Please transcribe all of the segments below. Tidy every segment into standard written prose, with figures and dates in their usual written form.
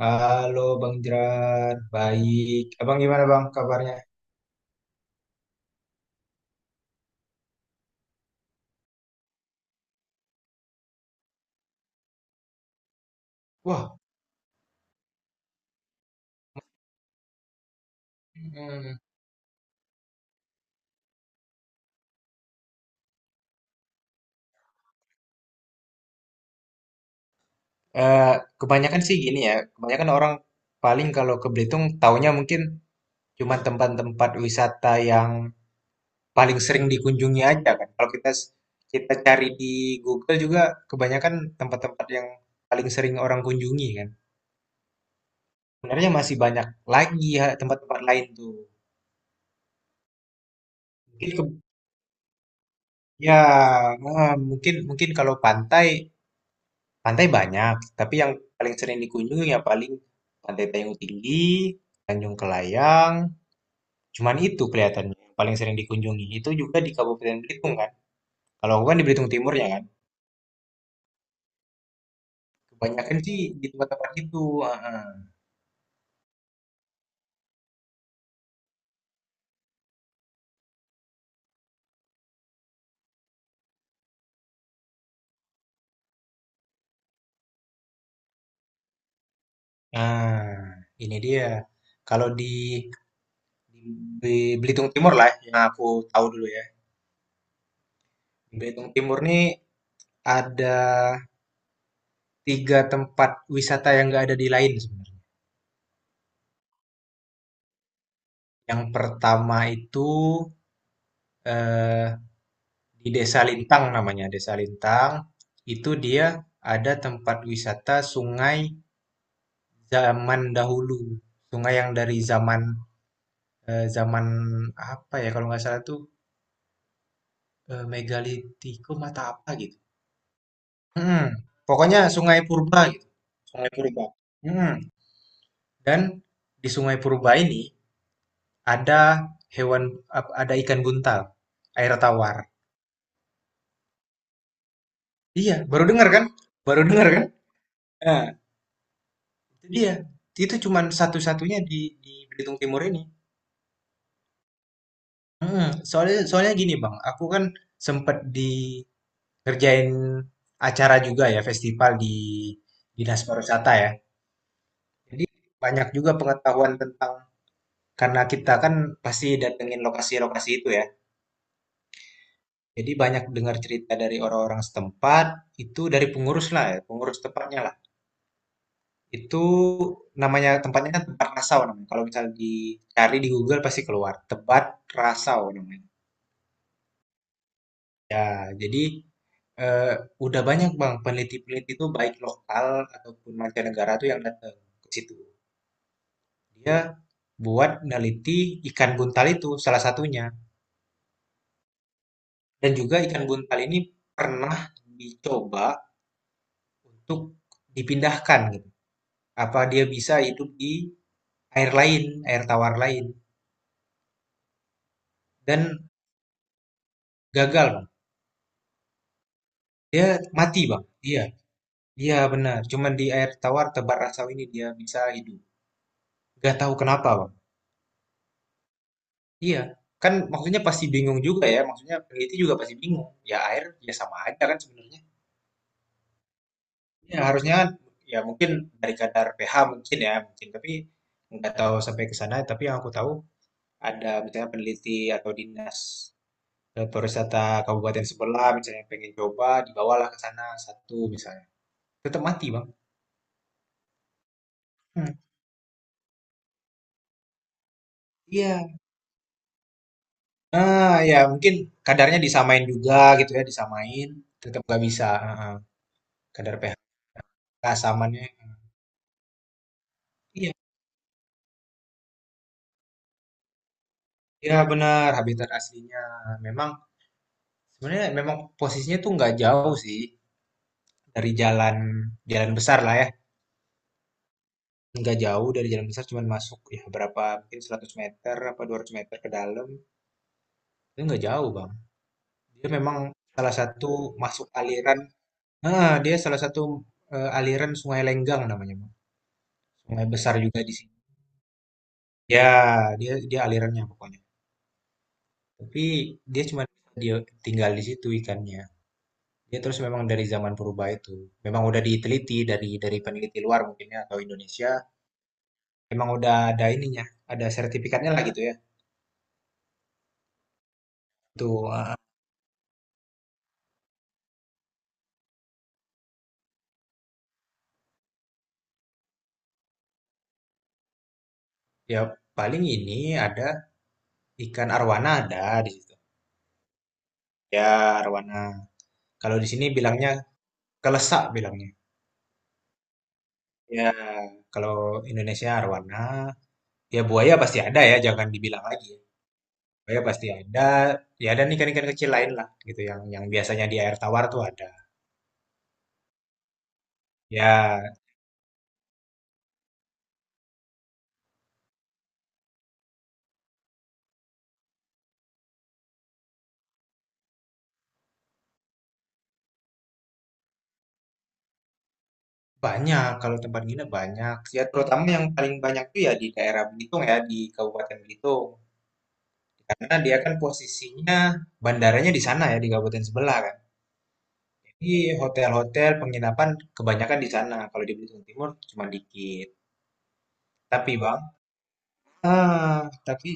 Halo Bang Jeran, baik. Abang gimana Bang kabarnya? Wah. hmm, eh, Kebanyakan sih gini ya. Kebanyakan orang paling kalau ke Belitung taunya mungkin cuma tempat-tempat wisata yang paling sering dikunjungi aja kan. Kalau kita kita cari di Google juga kebanyakan tempat-tempat yang paling sering orang kunjungi kan. Sebenarnya masih banyak lagi ya tempat-tempat lain tuh. Mungkin ya, mungkin mungkin kalau pantai. Pantai banyak, tapi yang paling sering dikunjungi ya paling Pantai Payung Tinggi, Tanjung Kelayang, cuman itu kelihatannya yang paling sering dikunjungi. Itu juga di Kabupaten Belitung kan. Kalau aku kan di Belitung Timur ya kan. Kebanyakan sih di tempat-tempat itu. ah, ah. Nah, ini dia. Kalau di Belitung Timur lah yang aku tahu dulu ya. Di Belitung Timur nih ada tiga tempat wisata yang nggak ada di lain sebenarnya. Yang pertama itu eh, di Desa Lintang namanya, Desa Lintang, itu dia ada tempat wisata sungai zaman dahulu. Sungai yang dari zaman apa ya kalau nggak salah tuh megalitikum atau apa gitu. Hmm, Pokoknya sungai purba gitu, sungai purba. Hmm, Dan di sungai purba ini ada hewan ada ikan buntal, air tawar. Iya, baru dengar kan? Baru dengar kan? Nah, iya, itu cuman satu-satunya di Belitung Timur ini. Soalnya soalnya gini Bang, aku kan sempet di ngerjain acara juga ya, festival di Dinas Pariwisata ya. Jadi banyak juga pengetahuan tentang karena kita kan pasti datengin lokasi-lokasi itu ya. Jadi banyak dengar cerita dari orang-orang setempat, itu dari pengurus lah ya, pengurus tempatnya lah. Itu namanya tempatnya kan Tempat Rasau namanya. Kalau misalnya dicari di Google pasti keluar, Tebat Rasau namanya. Ya, jadi eh, udah banyak Bang peneliti-peneliti itu baik lokal ataupun mancanegara tuh yang datang ke situ. Dia buat neliti ikan buntal itu salah satunya. Dan juga ikan buntal ini pernah dicoba untuk dipindahkan gitu. Apa dia bisa hidup di air lain, air tawar lain dan gagal Bang. Dia mati Bang. Iya, iya benar. Cuman di air tawar tebar rasau ini dia bisa hidup. Gak tahu kenapa Bang. Iya, kan maksudnya pasti bingung juga ya, maksudnya peneliti juga pasti bingung. Ya air ya sama aja kan sebenarnya. Ya harusnya kan ya mungkin dari kadar pH mungkin ya, mungkin tapi nggak tahu sampai ke sana. Tapi yang aku tahu ada misalnya peneliti atau dinas pariwisata kabupaten sebelah misalnya pengen coba dibawalah ke sana satu misalnya. Tetap mati, Bang. Hmm. Iya. Ah, ya mungkin kadarnya disamain juga gitu ya, disamain tetap nggak bisa. Ah. Kadar pH keasamannya. Iya. Iya benar, habitat aslinya. Memang sebenarnya memang posisinya tuh nggak jauh sih dari jalan jalan besar lah ya. Nggak jauh dari jalan besar, cuman masuk ya berapa mungkin 100 meter apa 200 meter ke dalam. Itu nggak jauh, Bang. Dia memang salah satu masuk aliran. Dia salah satu aliran Sungai Lenggang namanya, Bang. Sungai besar juga di sini. Ya, dia dia alirannya pokoknya. Tapi dia cuma dia tinggal di situ ikannya. Ya, terus memang dari zaman purba itu, memang udah diteliti dari peneliti luar mungkin ya, atau Indonesia, memang udah ada ininya, ada sertifikatnya lah gitu ya. Tuh, ya paling ini ada ikan arwana ada di situ. Ya arwana. Kalau di sini bilangnya kelesak bilangnya. Ya kalau Indonesia arwana, ya buaya pasti ada ya, jangan dibilang lagi. Buaya pasti ada, ya ada ikan-ikan kecil lain lah gitu yang biasanya di air tawar tuh ada. Ya banyak, kalau tempat nginep banyak. Ya, terutama yang paling banyak tuh ya di daerah Belitung ya, di Kabupaten Belitung. Karena dia kan posisinya bandaranya di sana ya, di kabupaten sebelah kan. Jadi hotel-hotel penginapan kebanyakan di sana. Kalau di Belitung Timur cuma dikit. Tapi Bang, tapi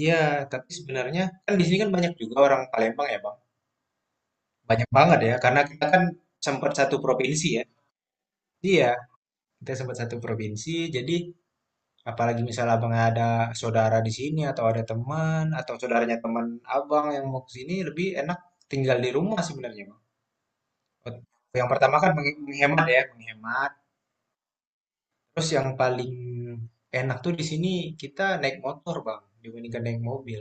iya, tapi sebenarnya kan di sini kan banyak juga orang Palembang ya, Bang. Banyak banget ya, karena kita kan sempat satu provinsi ya. Iya, kita sempat satu provinsi. Jadi apalagi misalnya abang ada saudara di sini atau ada teman atau saudaranya teman abang yang mau ke sini lebih enak tinggal di rumah sebenarnya, Bang. Yang pertama kan menghemat ya, menghemat. Terus yang paling enak tuh di sini kita naik motor, Bang, dibandingkan naik mobil.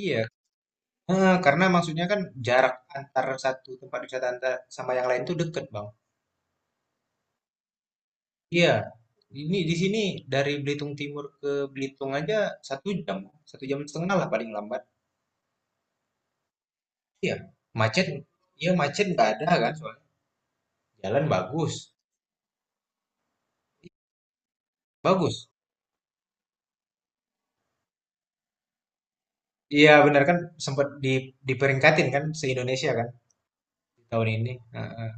Iya. Eh, karena maksudnya kan jarak antar satu tempat wisata antar sama yang lain tuh deket, Bang. Iya. Ini di sini dari Belitung Timur ke Belitung aja 1 jam, 1 jam setengah lah paling lambat. Iya, macet iya macet nggak ada kan soalnya. Jalan bagus. Bagus. Iya benar kan sempat di diperingkatin kan se-Indonesia kan di tahun ini. Heeh.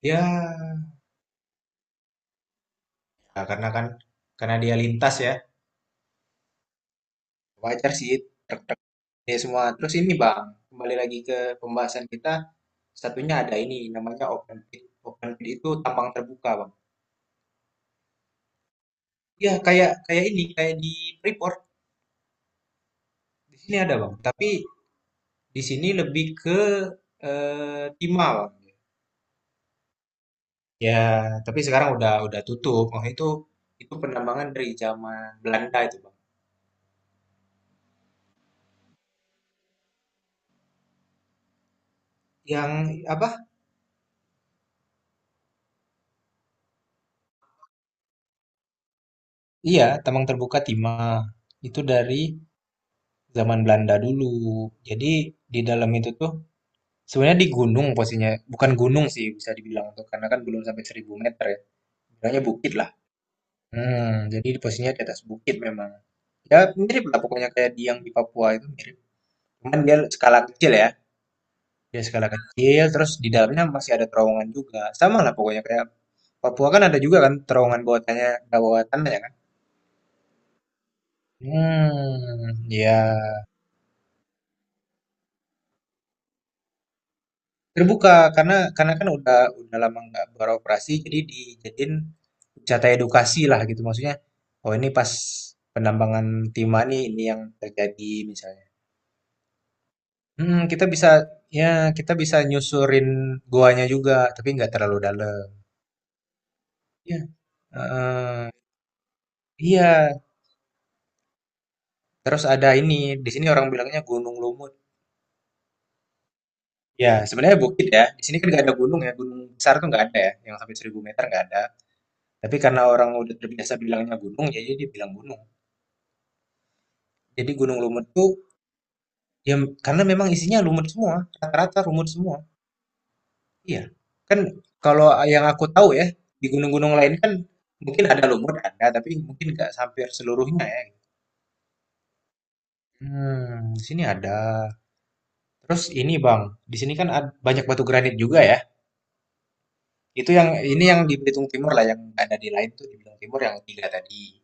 Ya, ya, karena kan karena dia lintas ya. Wajar sih truk-truk ini semua. Terus ini Bang, kembali lagi ke pembahasan kita. Satunya ada ini namanya open pit. Open pit itu tambang terbuka, Bang. Ya, kayak kayak ini, kayak di Freeport. Di sini ada, Bang. Tapi di sini lebih ke timah, Bang. Ya, tapi sekarang udah tutup. Oh, itu penambangan dari zaman Belanda itu, Bang. Yang apa? Iya, tambang terbuka timah. Itu dari zaman Belanda dulu. Jadi di dalam itu tuh sebenarnya di gunung posisinya. Bukan gunung sih bisa dibilang tuh karena kan belum sampai 1.000 meter ya. Bilangnya bukit lah. Hmm, jadi di posisinya di atas bukit memang. Ya mirip lah pokoknya kayak di yang di Papua itu mirip. Cuman dia skala kecil ya. Ya skala kecil, terus di dalamnya masih ada terowongan juga. Sama lah pokoknya kayak Papua kan ada juga kan terowongan bawah tanah, nggak bawah tanah ya kan? Hmm, ya terbuka karena kan udah lama nggak beroperasi, jadi dijadiin wisata edukasi lah gitu maksudnya. Oh ini pas penambangan timah nih ini yang terjadi misalnya. Hmm, kita bisa ya kita bisa nyusurin goanya juga, tapi nggak terlalu dalam. Ya, eh, iya. Terus ada ini, di sini orang bilangnya Gunung Lumut. Ya, sebenarnya bukit ya. Di sini kan nggak ada gunung ya. Gunung besar tuh nggak ada ya. Yang sampai 1.000 meter nggak ada. Tapi karena orang udah terbiasa bilangnya gunung, jadi dia bilang gunung. Jadi Gunung Lumut tuh, ya karena memang isinya lumut semua. Rata-rata lumut semua. Iya. Kan kalau yang aku tahu ya, di gunung-gunung lain kan mungkin ada lumut, ada. Tapi mungkin nggak sampai seluruhnya ya. Hmm, di sini ada. Terus ini Bang, di sini kan banyak batu granit juga ya. Itu yang ini yang di Belitung Timur lah, yang ada di lain tuh di Belitung Timur yang 3 tadi.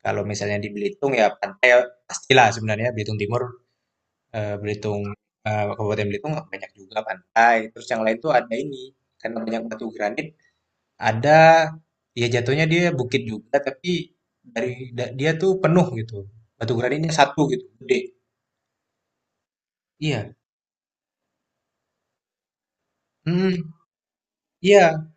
Kalau misalnya di Belitung ya pantai pastilah sebenarnya Belitung Timur, Belitung, Kabupaten Belitung banyak juga pantai. Terus yang lain tuh ada ini, karena banyak batu granit, ada ya jatuhnya dia bukit juga tapi dari dia tuh penuh gitu, batu granitnya satu gitu, gede. Iya, mhm, iya,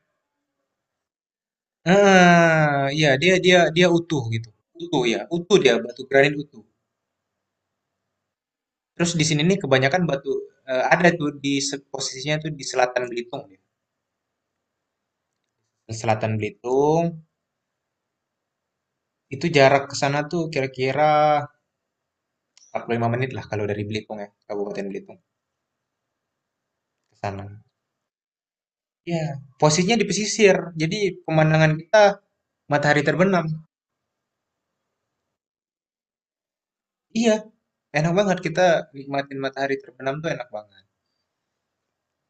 heeh, iya, dia dia dia utuh gitu, utuh ya, utuh dia, batu granit utuh. Terus di sini nih kebanyakan batu ada tuh di posisinya tuh di selatan Belitung ya, di selatan Belitung, itu jarak ke sana tuh kira-kira 45 lah kalau dari Belitung ya, Kabupaten Belitung ke sana. Iya, posisinya di pesisir, jadi pemandangan kita matahari terbenam. Iya, enak banget kita nikmatin matahari terbenam tuh enak banget.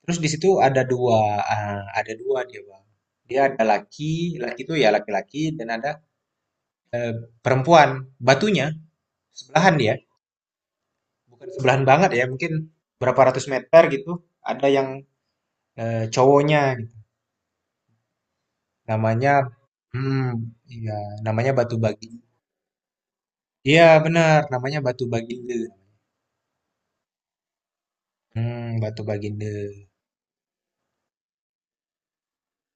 Terus di situ ada 2 ada 2 dia, Bang. Dia ada laki, laki itu ya laki-laki dan ada, eee, perempuan. Batunya sebelahan dia. Bukan sebelahan banget ya mungkin berapa ratus meter gitu ada yang cowoknya gitu. Namanya, hmm iya, namanya Batu Bagi, iya benar namanya Batu Baginda. Batu Baginda.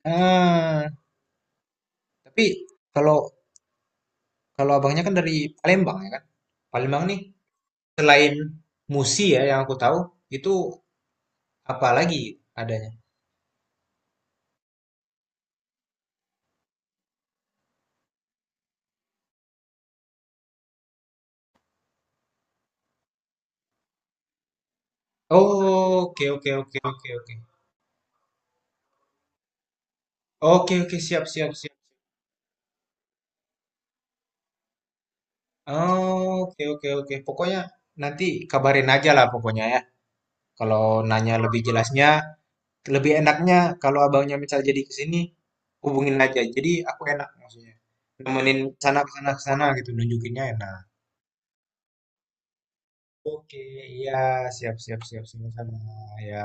ah tapi kalau kalau abangnya kan dari Palembang ya kan. Palembang nih selain Musi ya yang aku tahu itu apa lagi adanya. Oh, oke, oke, oke, oke, oke, oke, oke, siap, siap, siap. Oh, oke, oke, oke. Pokoknya nanti kabarin aja lah pokoknya ya. Kalau nanya lebih jelasnya, lebih enaknya kalau abangnya misal jadi ke sini, hubungin aja. Jadi aku enak maksudnya. Nemenin sana ke sana ke sana gitu, nunjukinnya enak. Oke, iya, siap, siap, siap, sama-sama ya.